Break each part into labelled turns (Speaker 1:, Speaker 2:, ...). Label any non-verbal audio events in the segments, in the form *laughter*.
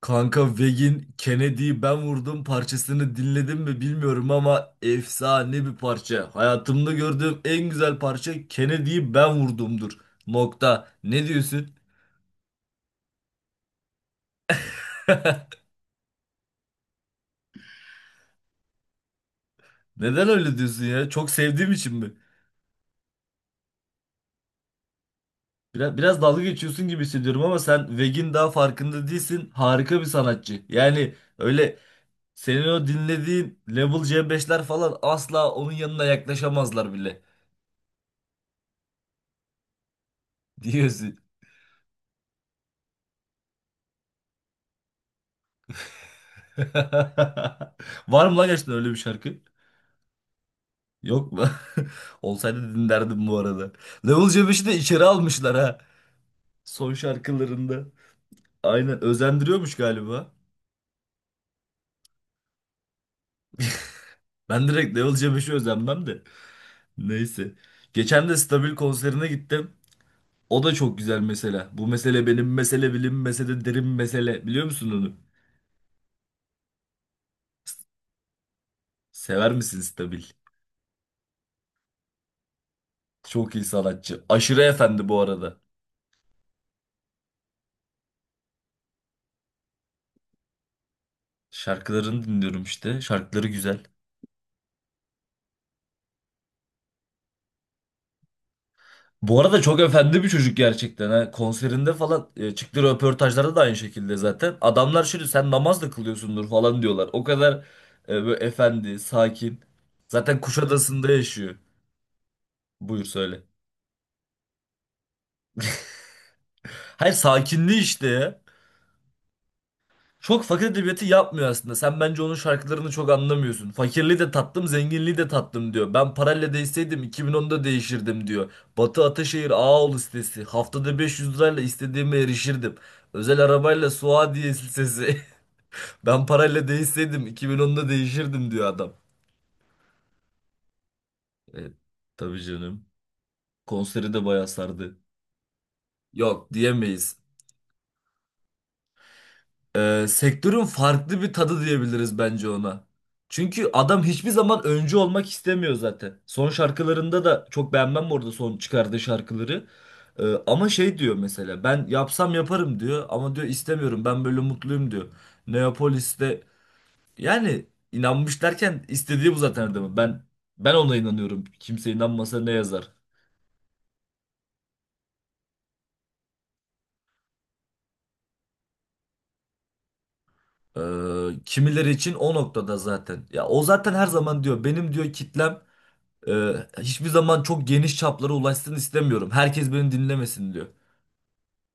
Speaker 1: Kanka Veg'in Kennedy'yi ben vurdum parçasını dinledim mi bilmiyorum ama efsane bir parça. Hayatımda gördüğüm en güzel parça Kennedy'yi ben vurdumdur. Nokta. Ne diyorsun? Neden öyle diyorsun ya? Çok sevdiğim için mi? Biraz dalga geçiyorsun gibi hissediyorum ama sen Veg'in daha farkında değilsin. Harika bir sanatçı. Yani öyle senin o dinlediğin Level C5'ler falan asla onun yanına yaklaşamazlar bile diyorsun. *laughs* Var mı lan gerçekten öyle bir şarkı? Yok mu? *laughs* Olsaydı dinlerdim bu arada. Level C5'i de içeri almışlar ha. Son şarkılarında. Aynen özendiriyormuş galiba. Ben direkt Level C5'i özenmem de. Neyse. Geçen de Stabil konserine gittim. O da çok güzel mesela. Bu mesele benim mesele bilim mesele derin mesele. Biliyor musun onu? Sever misin Stabil? Çok iyi sanatçı. Aşırı efendi bu arada. Şarkılarını dinliyorum işte. Şarkıları güzel. Bu arada çok efendi bir çocuk gerçekten. Ha. Konserinde falan çıktığı röportajlarda da aynı şekilde zaten. Adamlar şimdi sen namaz da kılıyorsundur falan diyorlar. O kadar böyle efendi, sakin. Zaten Kuşadası'nda yaşıyor. Buyur söyle. Hayır, sakinliği işte ya. Çok fakir edebiyatı yapmıyor aslında. Sen bence onun şarkılarını çok anlamıyorsun. Fakirliği de tattım, zenginliği de tattım diyor. Ben parayla değseydim 2010'da değişirdim diyor. Batı Ataşehir Ağaoğlu sitesi. Haftada 500 lirayla istediğime erişirdim. Özel arabayla Suadiye sitesi. *laughs* Ben parayla değseydim 2010'da değişirdim diyor adam. Evet, tabii canım. Konseri de bayağı sardı. Yok, diyemeyiz. Sektörün farklı bir tadı diyebiliriz bence ona. Çünkü adam hiçbir zaman öncü olmak istemiyor zaten. Son şarkılarında da çok beğenmem bu arada son çıkardığı şarkıları. Ama şey diyor mesela, ben yapsam yaparım diyor, ama diyor istemiyorum, ben böyle mutluyum diyor. Neapolis'te, yani inanmış derken istediği bu zaten adamın. Ben ona inanıyorum. Kimse inanmasa ne yazar? E, kimileri için o noktada zaten. Ya o zaten her zaman diyor, benim diyor kitlem. Hiçbir zaman çok geniş çaplara ulaşsın istemiyorum. Herkes beni dinlemesin diyor.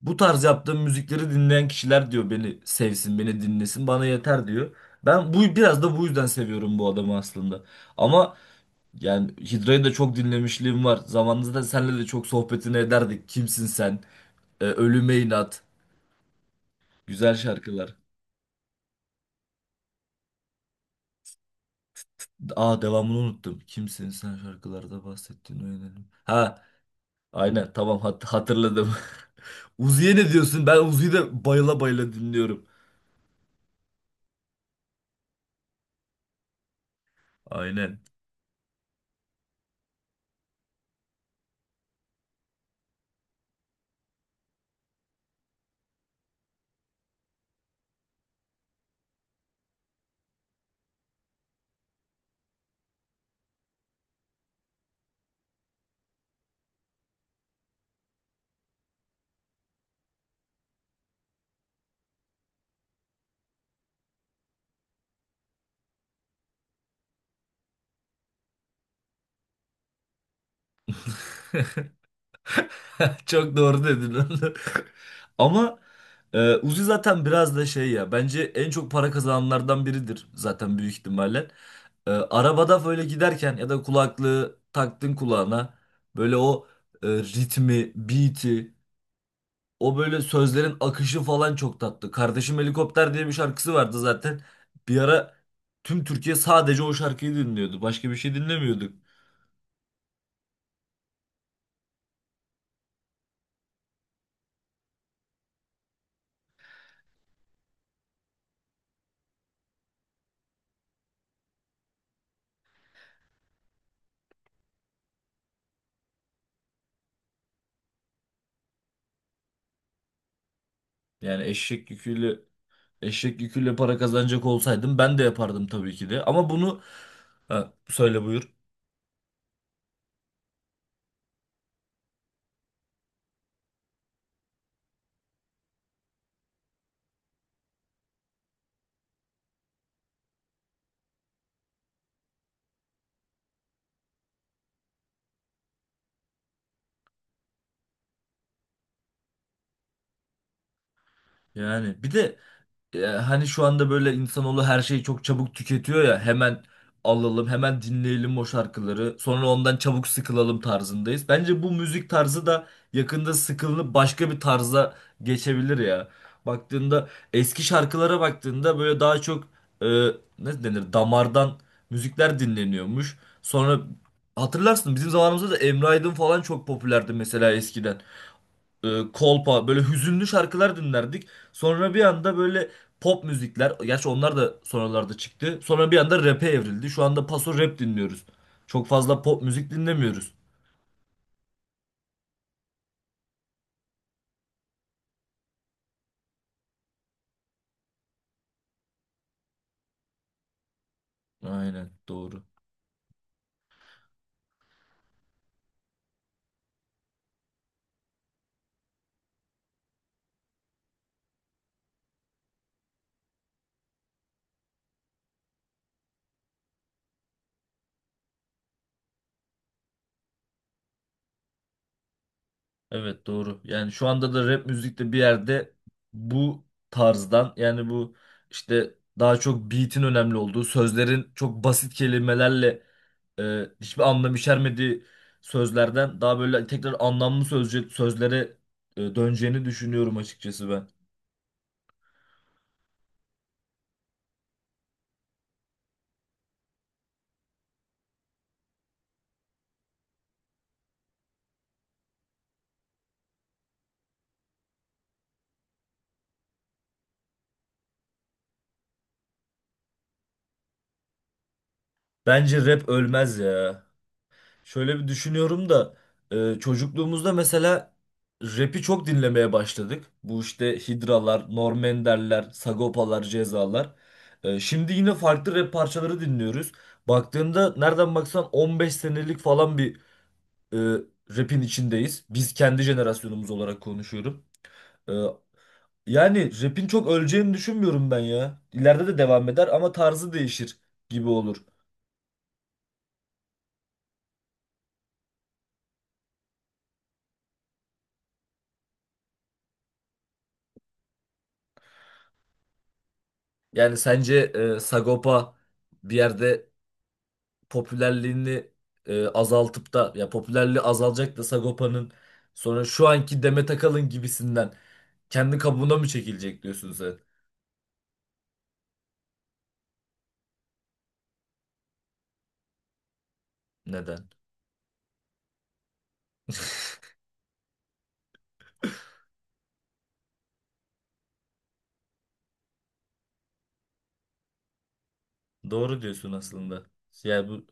Speaker 1: Bu tarz yaptığım müzikleri dinleyen kişiler diyor beni sevsin, beni dinlesin, bana yeter diyor. Ben bu biraz da bu yüzden seviyorum bu adamı aslında. Ama yani Hidra'yı da çok dinlemişliğim var. Zamanında senle de çok sohbetini ederdik. Kimsin sen? Ölüme inat. Güzel şarkılar. Aa, devamını unuttum. Kimsin sen, şarkılarda bahsettiğin o yönelim. Ha, aynen tamam, hatırladım. *laughs* Uzi'ye ne diyorsun? Ben Uzi'yi de bayıla bayıla dinliyorum. Aynen. *laughs* Çok doğru dedin onu. *laughs* Ama Uzi zaten biraz da şey ya. Bence en çok para kazananlardan biridir zaten büyük ihtimalle. Arabada böyle giderken ya da kulaklığı taktın kulağına, böyle o ritmi, beat'i, o böyle sözlerin akışı falan çok tatlı. Kardeşim Helikopter diye bir şarkısı vardı zaten. Bir ara tüm Türkiye sadece o şarkıyı dinliyordu. Başka bir şey dinlemiyorduk. Yani eşek yüküyle para kazanacak olsaydım ben de yapardım tabii ki de. Ama bunu, ha, söyle buyur. Yani bir de, ya hani şu anda böyle insanoğlu her şeyi çok çabuk tüketiyor ya, hemen alalım hemen dinleyelim o şarkıları sonra ondan çabuk sıkılalım tarzındayız. Bence bu müzik tarzı da yakında sıkılınıp başka bir tarza geçebilir ya. Baktığında, eski şarkılara baktığında böyle daha çok e, ne denir, damardan müzikler dinleniyormuş. Sonra, hatırlarsın bizim zamanımızda da Emre Aydın falan çok popülerdi mesela, eskiden kolpa böyle hüzünlü şarkılar dinlerdik. Sonra bir anda böyle pop müzikler, gerçi onlar da sonralarda çıktı. Sonra bir anda rap'e evrildi. Şu anda paso rap dinliyoruz. Çok fazla pop müzik dinlemiyoruz. Aynen, doğru. Evet, doğru. Yani şu anda da rap müzikte bir yerde bu tarzdan, yani bu işte daha çok beat'in önemli olduğu, sözlerin çok basit kelimelerle hiçbir anlam içermediği sözlerden daha böyle tekrar anlamlı sözlere döneceğini düşünüyorum açıkçası ben. Bence rap ölmez ya. Şöyle bir düşünüyorum da, çocukluğumuzda mesela rap'i çok dinlemeye başladık. Bu işte Hidralar, Norm Ender'ler, Sagopalar, Cezalar. Şimdi yine farklı rap parçaları dinliyoruz. Baktığında nereden baksan 15 senelik falan bir e, rap'in içindeyiz. Biz, kendi jenerasyonumuz olarak konuşuyorum. E, Yani rap'in çok öleceğini düşünmüyorum ben ya. İleride de devam eder ama tarzı değişir gibi olur. Yani sence Sagopa bir yerde popülerliğini azaltıp da, ya popülerliği azalacak da Sagopa'nın, sonra şu anki Demet Akalın gibisinden kendi kabuğuna mı çekilecek diyorsun sen? Neden? *laughs* Doğru diyorsun aslında. Yani bu,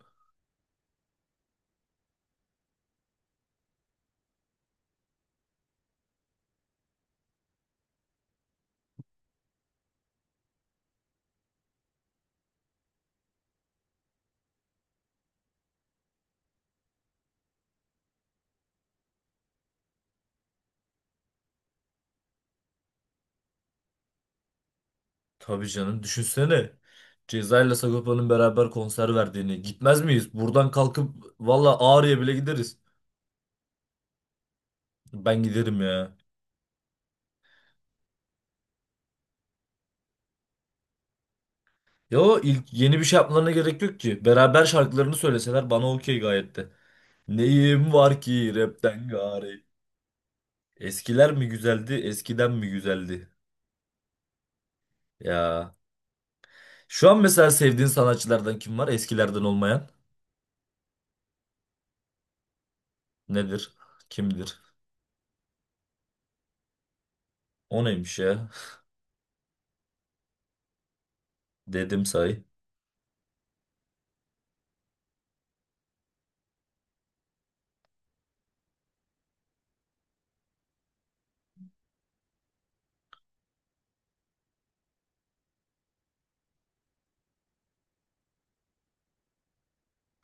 Speaker 1: tabii canım, düşünsene. Ceza ile Sagopa'nın beraber konser verdiğini. Gitmez miyiz? Buradan kalkıp valla Ağrı'ya bile gideriz. Ben giderim ya. Ya o ilk, yeni bir şey yapmalarına gerek yok ki. Beraber şarkılarını söyleseler bana okey gayet de. Neyim var ki rapten gari. Eskiler mi güzeldi, eskiden mi güzeldi? Ya. Şu an mesela sevdiğin sanatçılardan kim var? Eskilerden olmayan. Nedir? Kimdir? O neymiş ya? Dedim say.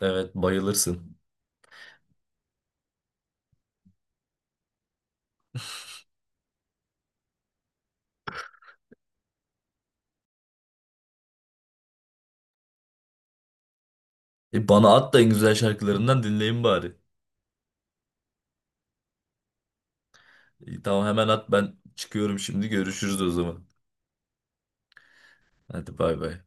Speaker 1: Evet, bayılırsın. Bana at da en güzel şarkılarından dinleyin bari. Tamam, hemen at, ben çıkıyorum şimdi, görüşürüz o zaman. Hadi, bay bay.